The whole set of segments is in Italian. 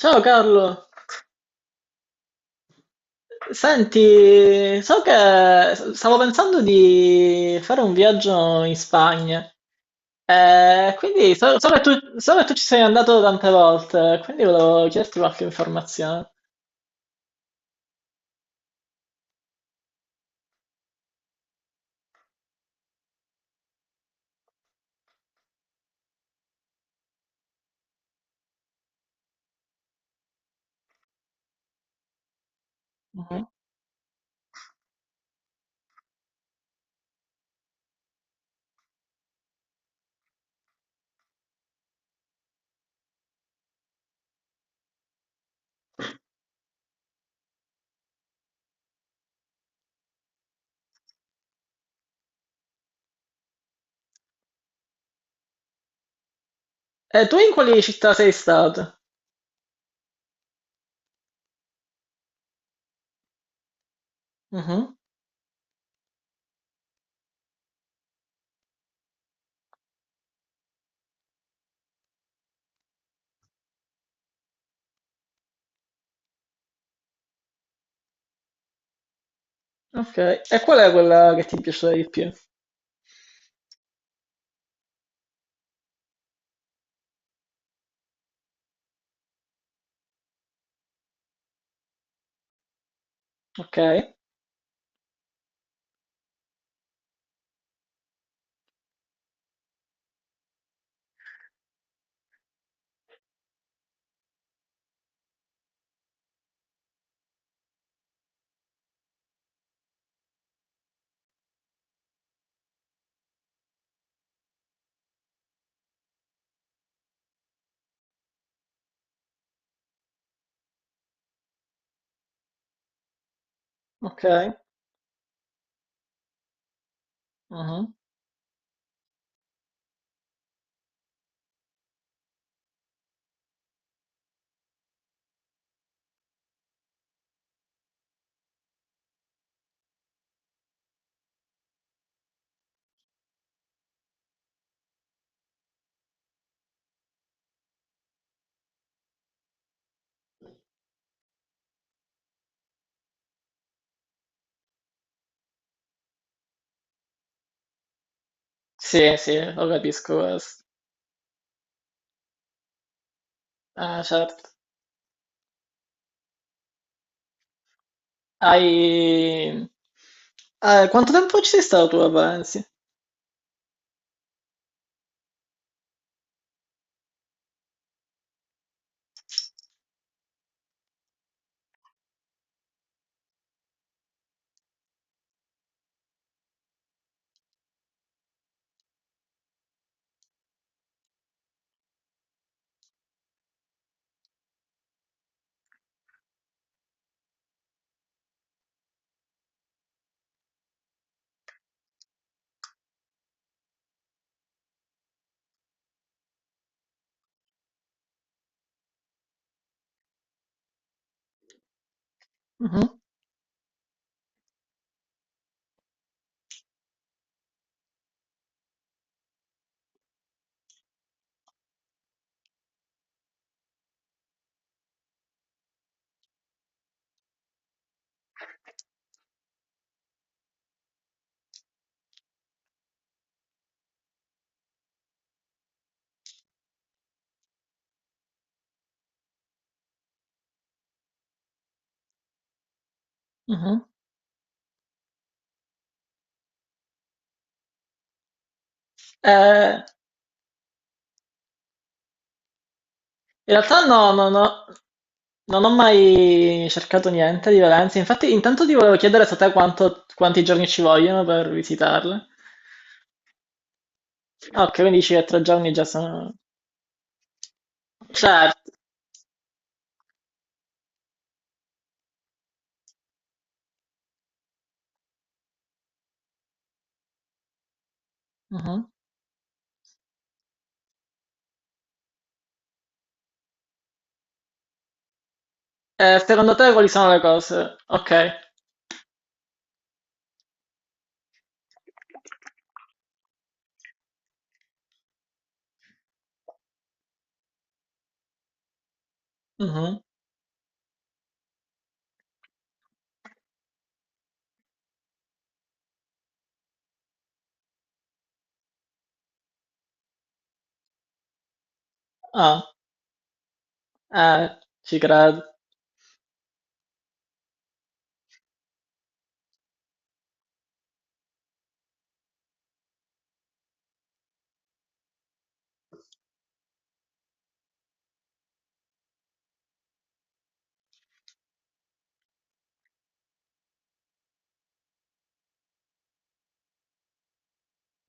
Ciao Carlo, senti, so che stavo pensando di fare un viaggio in Spagna. Quindi so, so che tu ci sei andato tante volte, quindi volevo chiederti qualche informazione. Mhm. E tu in quali città sei stato? Mhm. Ok, e qual è quella che ti piace di più? Ok, ok. Mhm. Sì, sì, lo capisco questo. Ah, certo. Hai... Quanto tempo ci sei stato tu a Valencia? Mhm, mhm. Eh, In realtà no, no, no, non ho mai cercato niente di Valencia. Infatti, intanto ti volevo chiedere se a te quanto- quanti giorni ci vogliono per visitarle. Ah, ok, quindi dici che tre giorni già sono... Certo. Mhm. Secondo te quali sono le cose? Ok. Mhm. Ah, eh, ci credo.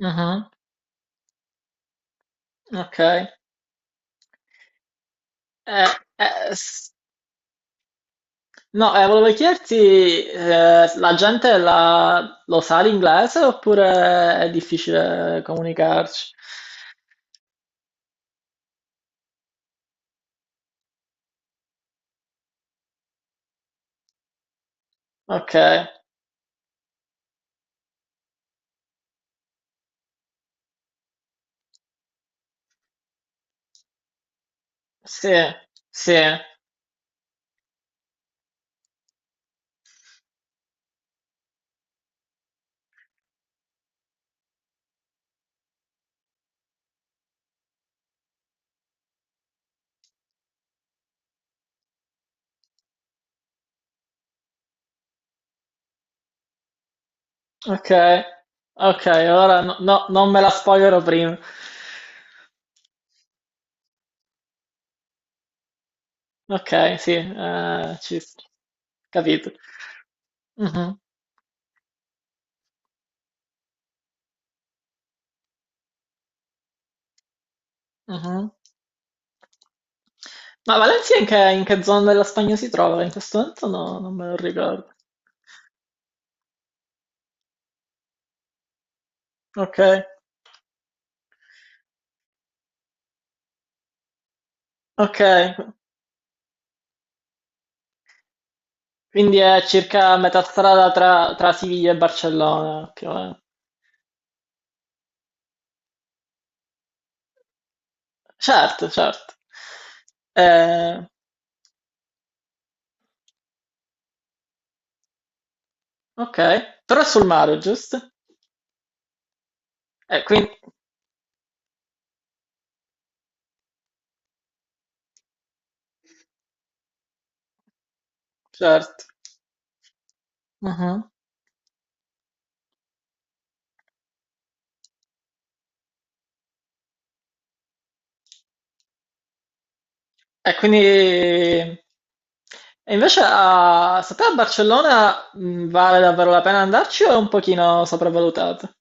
Mhm. Ok. S- no, Volevo chiederti, la gente lo sa l'inglese oppure è difficile comunicarci? Ok, sì, sì, ok, ok, ora no, non me la spoilerò prima. Ok, sì, capito. Mhm, mhm. Ma Valencia in che zona della Spagna si trova? In questo momento no, non me lo ricordo. Ok, ok, quindi è circa a metà strada tra, tra Siviglia e Barcellona, più o meno. Certo, certo. Eh, ok, però è sul mare, giusto? E quindi, certo. Mhm. E invece a, sapere a Barcellona vale davvero la pena andarci o è un pochino sopravvalutato?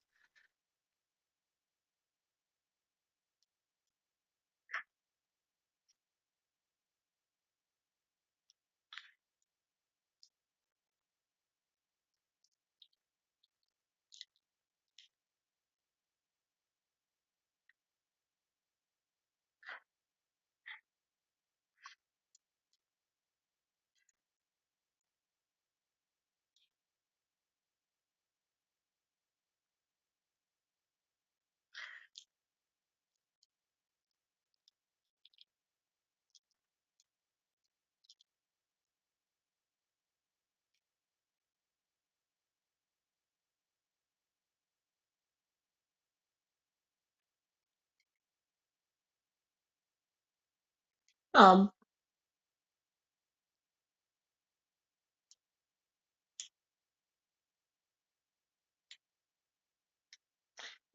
Ah,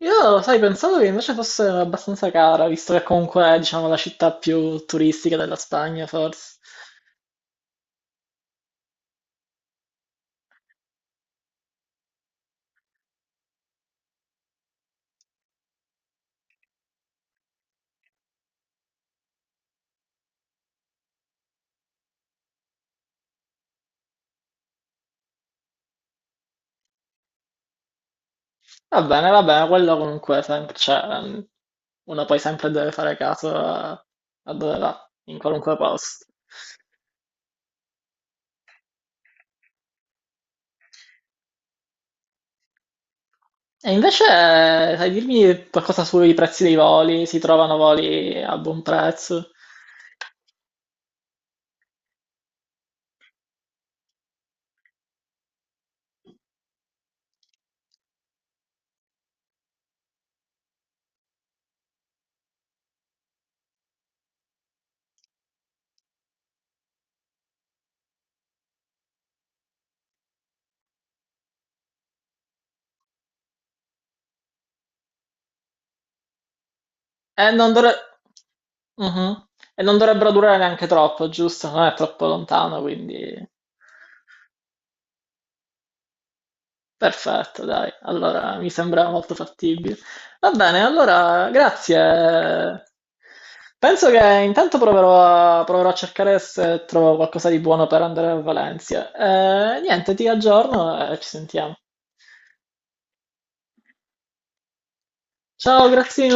io, sai, pensavo che invece fosse abbastanza cara, visto che comunque è, diciamo, la città più turistica della Spagna, forse. Va bene, quello comunque sempre, cioè, uno poi sempre deve fare caso a, a dove va, in qualunque posto. E invece, sai dirmi qualcosa sui prezzi dei voli? Si trovano voli a buon prezzo? E non, dovre- Mhm. E non dovrebbero durare neanche troppo, giusto? Non è troppo lontano, quindi... Perfetto, dai. Allora, mi sembra molto fattibile. Va bene, allora, grazie. Penso che intanto proverò a cercare se trovo qualcosa di buono per andare a Valencia. Niente, ti aggiorno e ci sentiamo. Ciao, grazie.